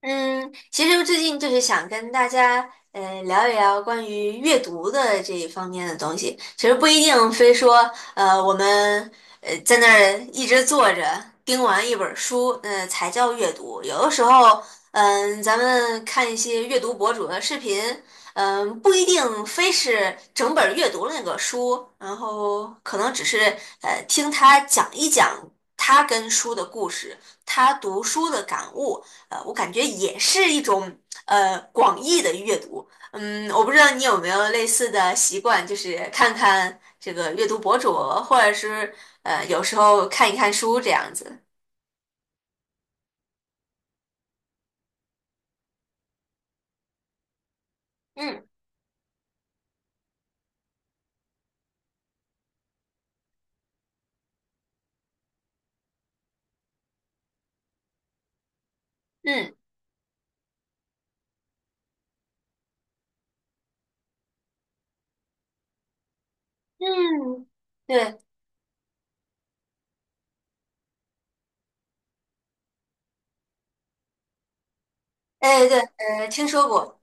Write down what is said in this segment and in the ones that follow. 嗯，其实最近就是想跟大家聊一聊关于阅读的这一方面的东西。其实不一定非说我们在那儿一直坐着盯完一本书，才叫阅读。有的时候，咱们看一些阅读博主的视频，不一定非是整本儿阅读了那个书，然后可能只是听他讲一讲他跟书的故事，他读书的感悟。我感觉也是一种广义的阅读。我不知道你有没有类似的习惯，就是看看这个阅读博主，或者是有时候看一看书这样子。嗯嗯嗯，对，哎对，听说过。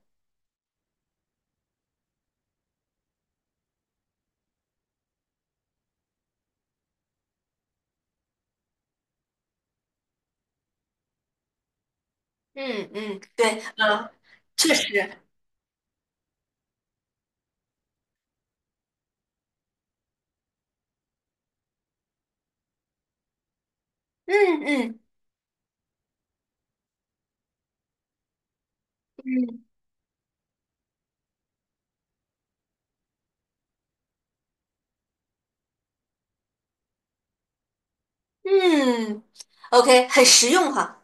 嗯嗯，对，确实，嗯嗯嗯嗯，OK,很实用哈。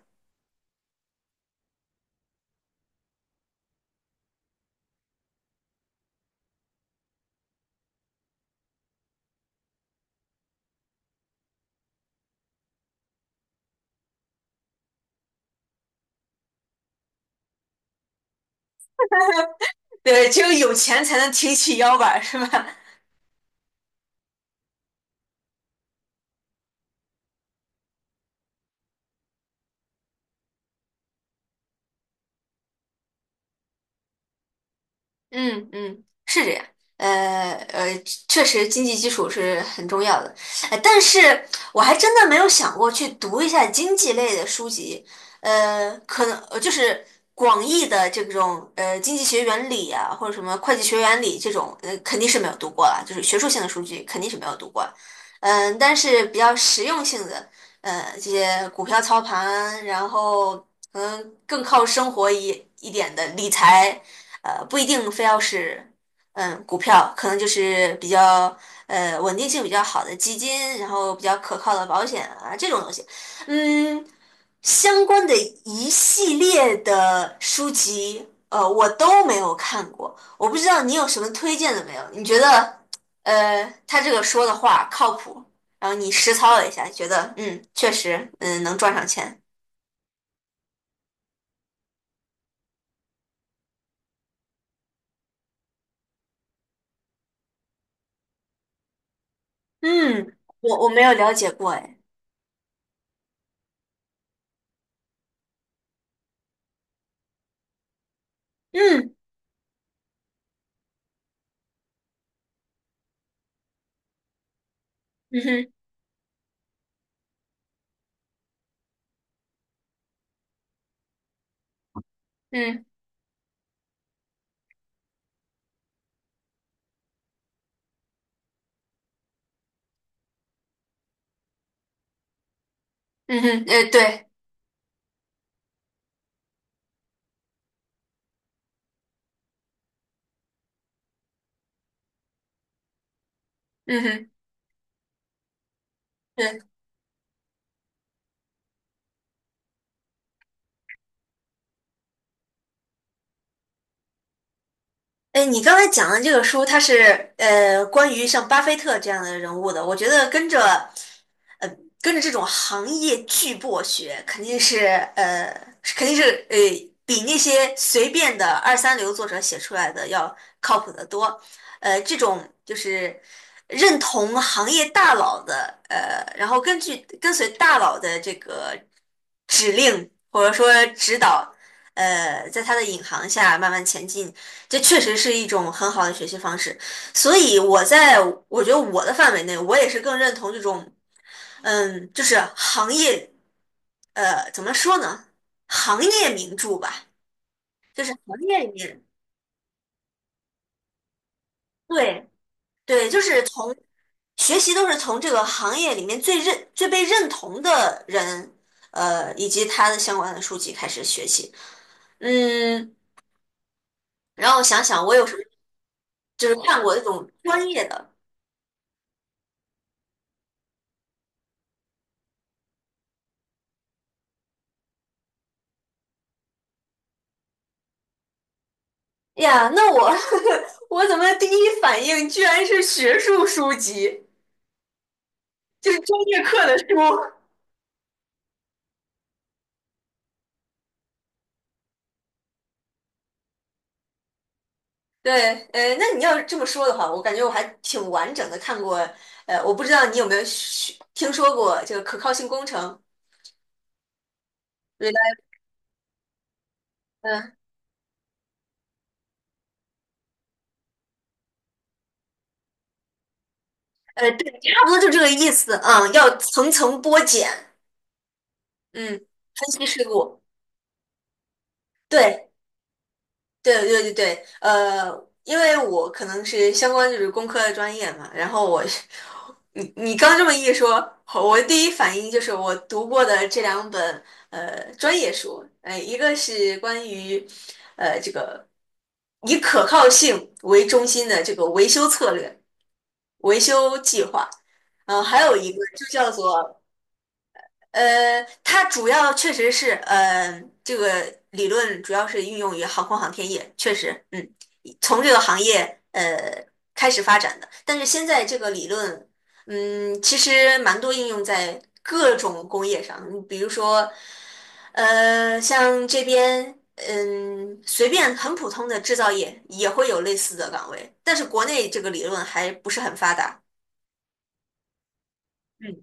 对，只有有钱才能挺起腰板儿，是吧？嗯嗯，是这样。呃呃，确实经济基础是很重要的，但是我还真的没有想过去读一下经济类的书籍，可能就是广义的这种经济学原理啊，或者什么会计学原理这种，肯定是没有读过了，就是学术性的书籍肯定是没有读过了，但是比较实用性的，这些股票操盘，然后可能更靠生活一点的理财。不一定非要是股票，可能就是比较稳定性比较好的基金，然后比较可靠的保险啊这种东西，嗯，相关的一系列的书籍，我都没有看过，我不知道你有什么推荐的没有？你觉得他这个说的话靠谱？然后你实操了一下，觉得嗯，确实，嗯，能赚上钱。嗯，我没有了解过，哎，嗯，嗯哼，嗯。嗯哼，对，嗯哼，对，哎，你刚才讲的这个书，它是关于像巴菲特这样的人物的，我觉得跟着呃跟着这种行业巨擘学，呃是肯定是呃比那些随便的二三流作者写出来的要靠谱得多。这种就是认同行业大佬的，然后根据跟随大佬的这个指令或者说指导，在他的引航下慢慢前进。这确实是一种很好的学习方式，所以我觉得我的范围内，我也是更认同这种，就是行业，怎么说呢？行业名著吧，就是行业里面，对对，就是从学习都是从这个行业里面最被认同的人，以及他的相关的书籍开始学习。嗯，然后我想想，我有什么就是看过那种专业的。呀，那我 我怎么第一反应居然是学术书籍，就是专业课的书？对，那你要这么说的话，我感觉我还挺完整的看过。我不知道你有没有听说过这个可靠性工程？对嗯，对，差不多就这个意思。啊，要层层剥茧，嗯，分析事故。对，对对对对，因为我可能是相关就是工科的专业嘛，然后我，你刚这么一说，我第一反应就是我读过的这两本专业书，一个是关于这个以可靠性为中心的这个维修策略、维修计划，然后还有一个就叫做它主要确实是，这个理论主要是运用于航空航天业，确实，嗯，从这个行业开始发展的。但是现在这个理论，其实蛮多应用在各种工业上，你比如说，像这边，嗯，随便很普通的制造业也会有类似的岗位，但是国内这个理论还不是很发达。嗯。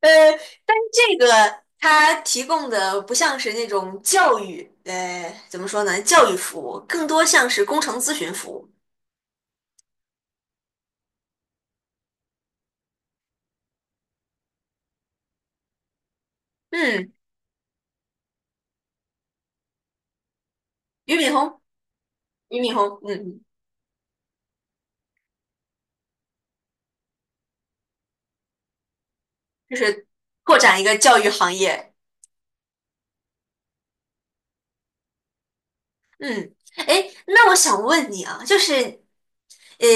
呃，但是这个它提供的不像是那种教育，怎么说呢？教育服务更多像是工程咨询服务。嗯，俞敏洪，俞敏洪，嗯，嗯就是拓展一个教育行业。嗯，哎，那我想问你啊，就是，呃，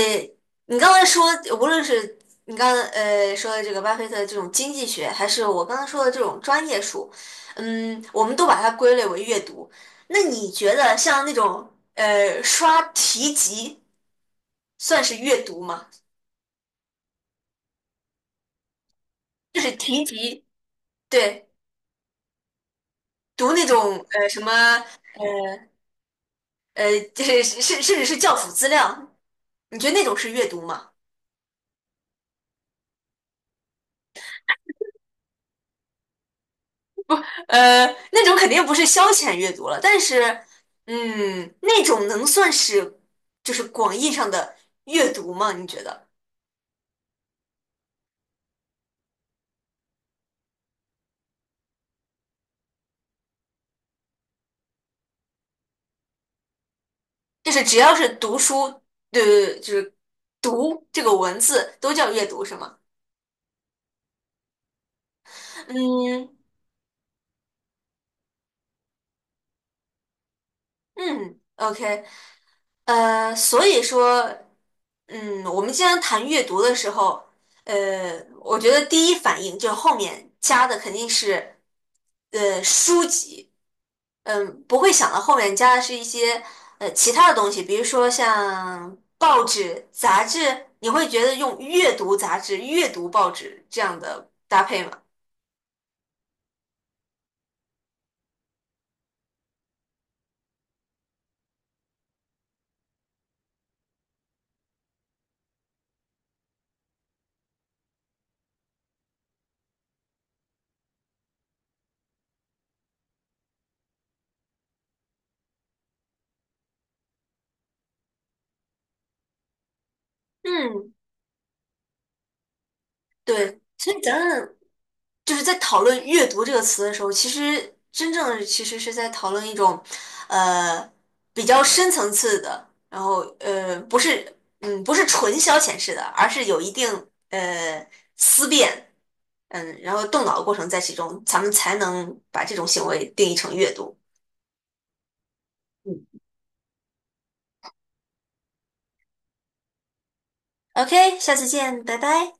你刚才说，无论是你刚才说的这个巴菲特这种经济学，还是我刚刚说的这种专业书，嗯，我们都把它归类为阅读。那你觉得像那种刷题集算是阅读吗？就是题集，对，读那种什么就是甚至是教辅资料，你觉得那种是阅读吗？呃，那种肯定不是消遣阅读了，但是，嗯，那种能算是就是广义上的阅读吗？你觉得？就是只要是读书，对对对，就是读这个文字都叫阅读是吗？嗯，嗯，OK,所以说，嗯，我们经常谈阅读的时候，呃，我觉得第一反应就后面加的肯定是，书籍，嗯，不会想到后面加的是一些其他的东西，比如说像报纸、杂志，你会觉得用阅读杂志、阅读报纸这样的搭配吗？嗯，对，所以咱们就是在讨论阅读这个词的时候，其实真正的其实是在讨论一种，呃，比较深层次的，然后呃，不是，嗯，不是纯消遣式的，而是有一定呃思辨，嗯，然后动脑的过程在其中，咱们才能把这种行为定义成阅读。OK,下次见，拜拜。